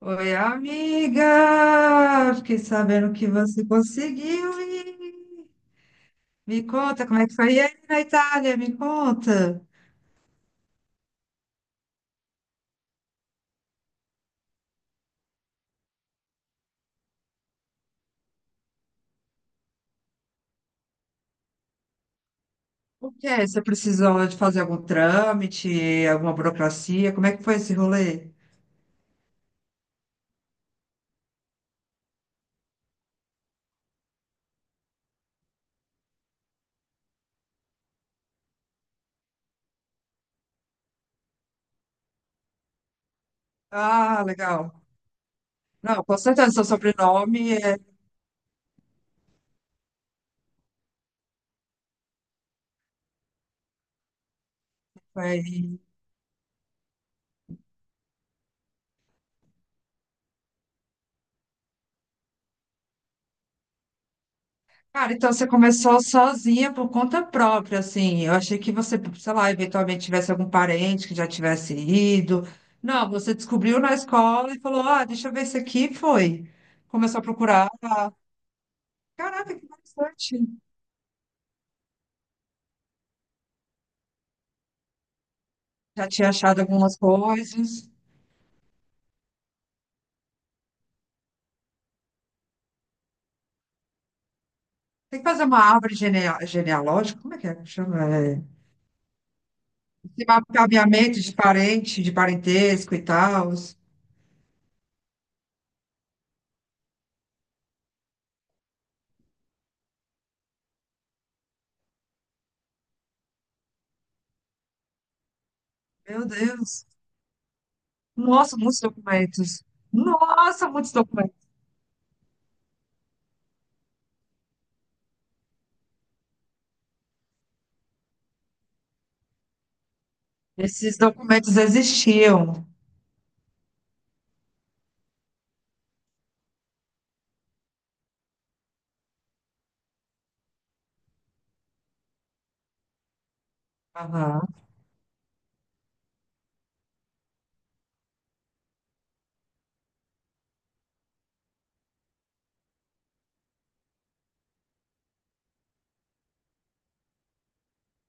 Oi, amiga! Fiquei sabendo que você conseguiu ir. Me conta como é que foi aí na Itália, me conta. O que é? Você precisou de fazer algum trâmite, alguma burocracia? Como é que foi esse rolê? Ah, legal. Não, com certeza, seu sobrenome é, foi. Cara, então você começou sozinha por conta própria, assim. Eu achei que você, sei lá, eventualmente tivesse algum parente que já tivesse ido. Não, você descobriu na escola e falou: Ah, deixa eu ver isso aqui. E foi. Começou a procurar. Caraca, que interessante. Já tinha achado algumas coisas. Tem que fazer uma árvore genealógica, como é que chama? Esse mapeamento de parente, de parentesco e tal. Meu Deus. Nossa, muitos documentos. Nossa, muitos documentos. Esses documentos existiam. Aham.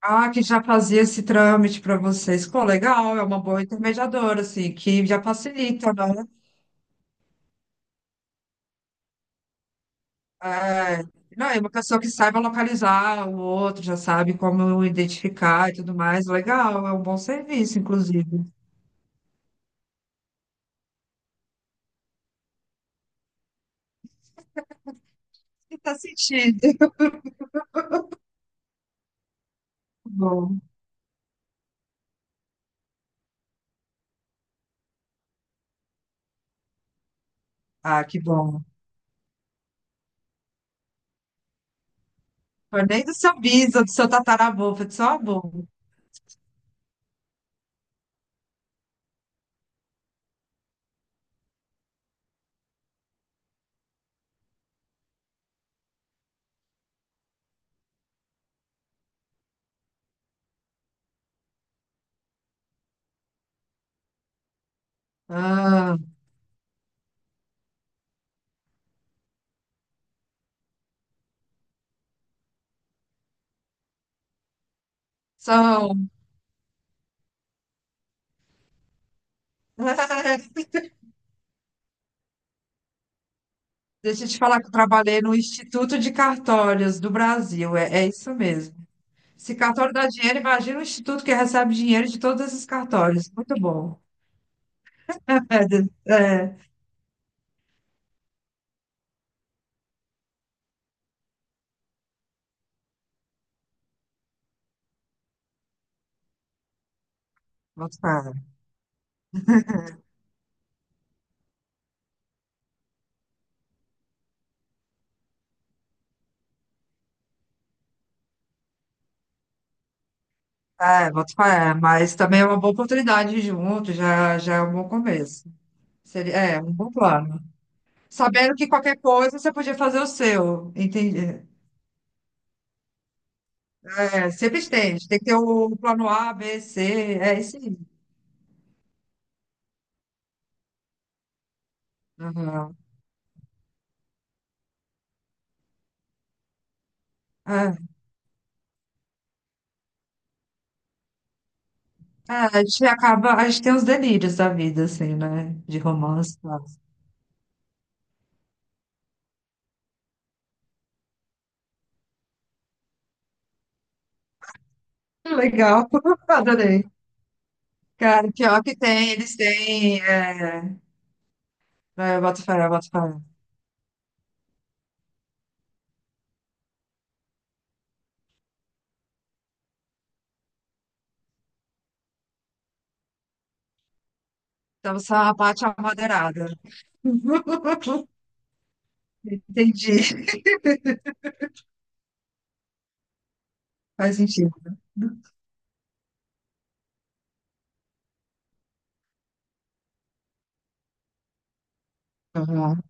Ah, que já fazia esse trâmite para vocês. Pô, legal, é uma boa intermediadora, assim, que já facilita, né? É, não, é uma pessoa que saiba localizar o outro, já sabe como identificar e tudo mais. Legal, é um bom serviço, inclusive. E tá sentindo. Que bom. Ah, que bom. Foi nem do seu bisa, do seu tataravô, foi do seu avô. Ah, são. Deixa eu te falar que eu trabalhei no Instituto de Cartórios do Brasil. É, é isso mesmo. Se cartório dá dinheiro, imagina o instituto que recebe dinheiro de todos esses cartórios. Muito bom. É, de- é, boto fé. É, boto fé. Mas também é uma boa oportunidade junto, já é um bom começo. Seria, é, um bom plano. Sabendo que qualquer coisa você podia fazer o seu, entende? É, sempre tem. Tem que ter o plano A, B, C. É isso aí. Aham. É. Ah, a gente acaba, a gente tem os delírios da vida, assim, né? De romance e tal. Legal, adorei. Cara, pior que tem, eles têm. É, bota fé, bota fé. Então você é uma parte amadeirada. Entendi. Faz sentido. Aham.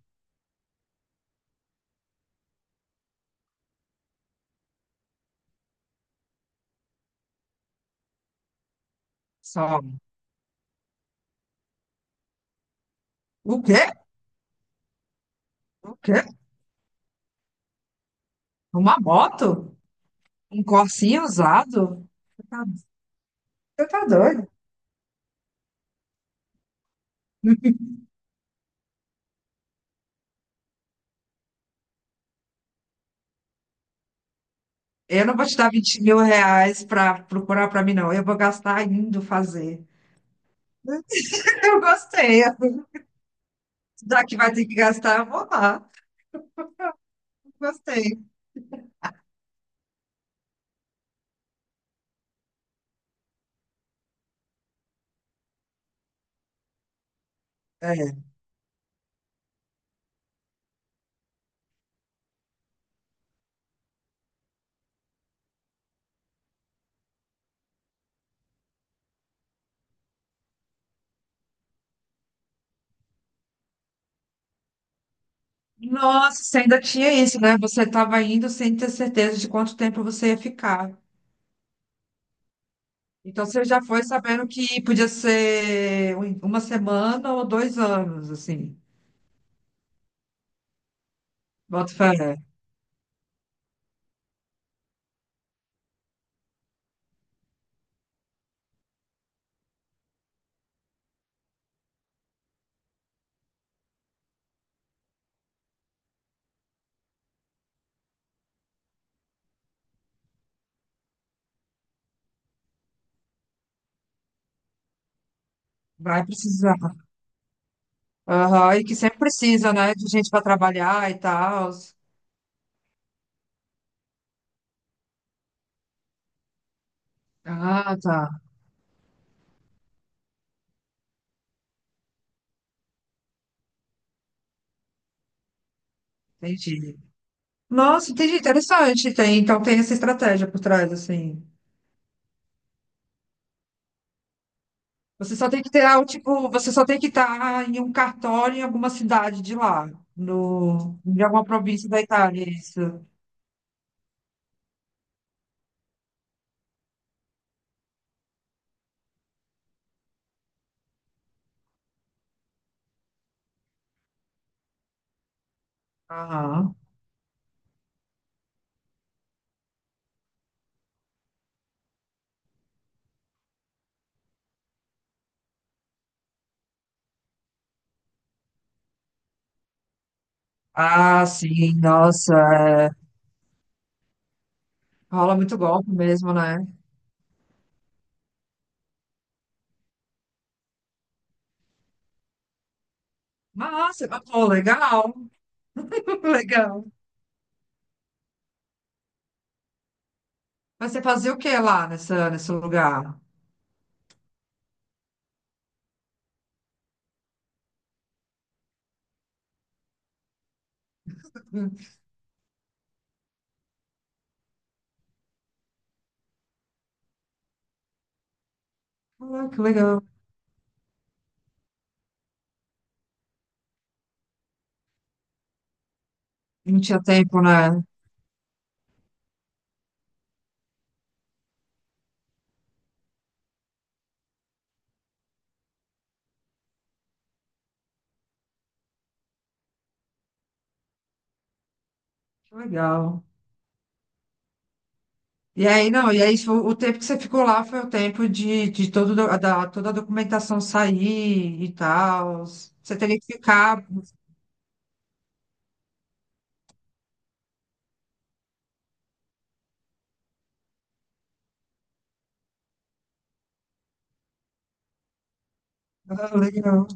Só. O quê? O quê? Uma moto? Um corsinho usado? Você tá, você tá doido? Eu não vou te dar 20 mil reais pra procurar pra mim, não. Eu vou gastar indo fazer. Eu gostei. Já que vai ter que gastar, eu vou lá. Gostei. É. Nossa, você ainda tinha isso, né? Você estava indo sem ter certeza de quanto tempo você ia ficar. Então você já foi sabendo que podia ser uma semana ou dois anos, assim. Bota fé. Vai precisar. Aham, e que sempre precisa, né? De gente para trabalhar e tal. Ah, tá. Entendi. Nossa, entendi. Interessante. Tem, então tem essa estratégia por trás, assim. Você só tem que estar em um cartório em alguma cidade de lá, no, de alguma província da Itália, é isso. Aham. Ah, sim, nossa, é, rola muito golpe mesmo, né? Nossa, mas, pô, legal, legal. Mas você fazia o que lá nessa, nesse lugar? Hum. Ah, que legal. Não tinha tempo, né? Que legal. E aí, não, e aí o tempo que você ficou lá foi o tempo de, toda a documentação sair e tal. Você teria que ficar. Ah, legal.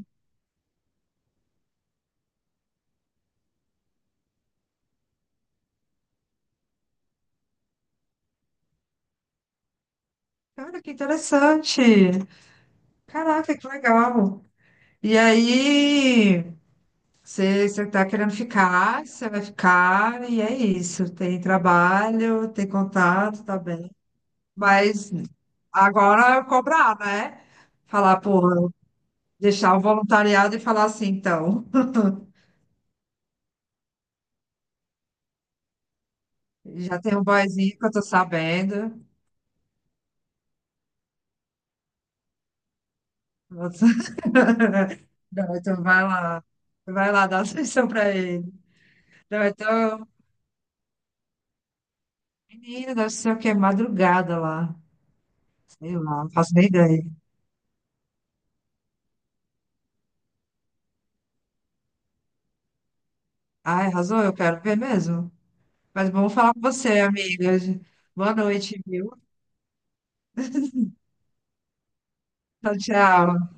Cara, que interessante. Caraca, que legal. E aí, você tá querendo ficar, você vai ficar, e é isso. Tem trabalho, tem contato, tá bem. Mas agora é cobrar, né? Falar, porra, deixar o voluntariado e falar assim, então. Já tem um boyzinho que eu tô sabendo. Você- Não, então vai lá. Vai lá dar atenção pra ele. Não, então, menina, deve ser o quê? Madrugada lá. Sei lá, não faço nem ideia. Ai, arrasou, eu quero ver mesmo. Mas vamos falar com você, amiga. Boa noite, viu? Tchau, tchau.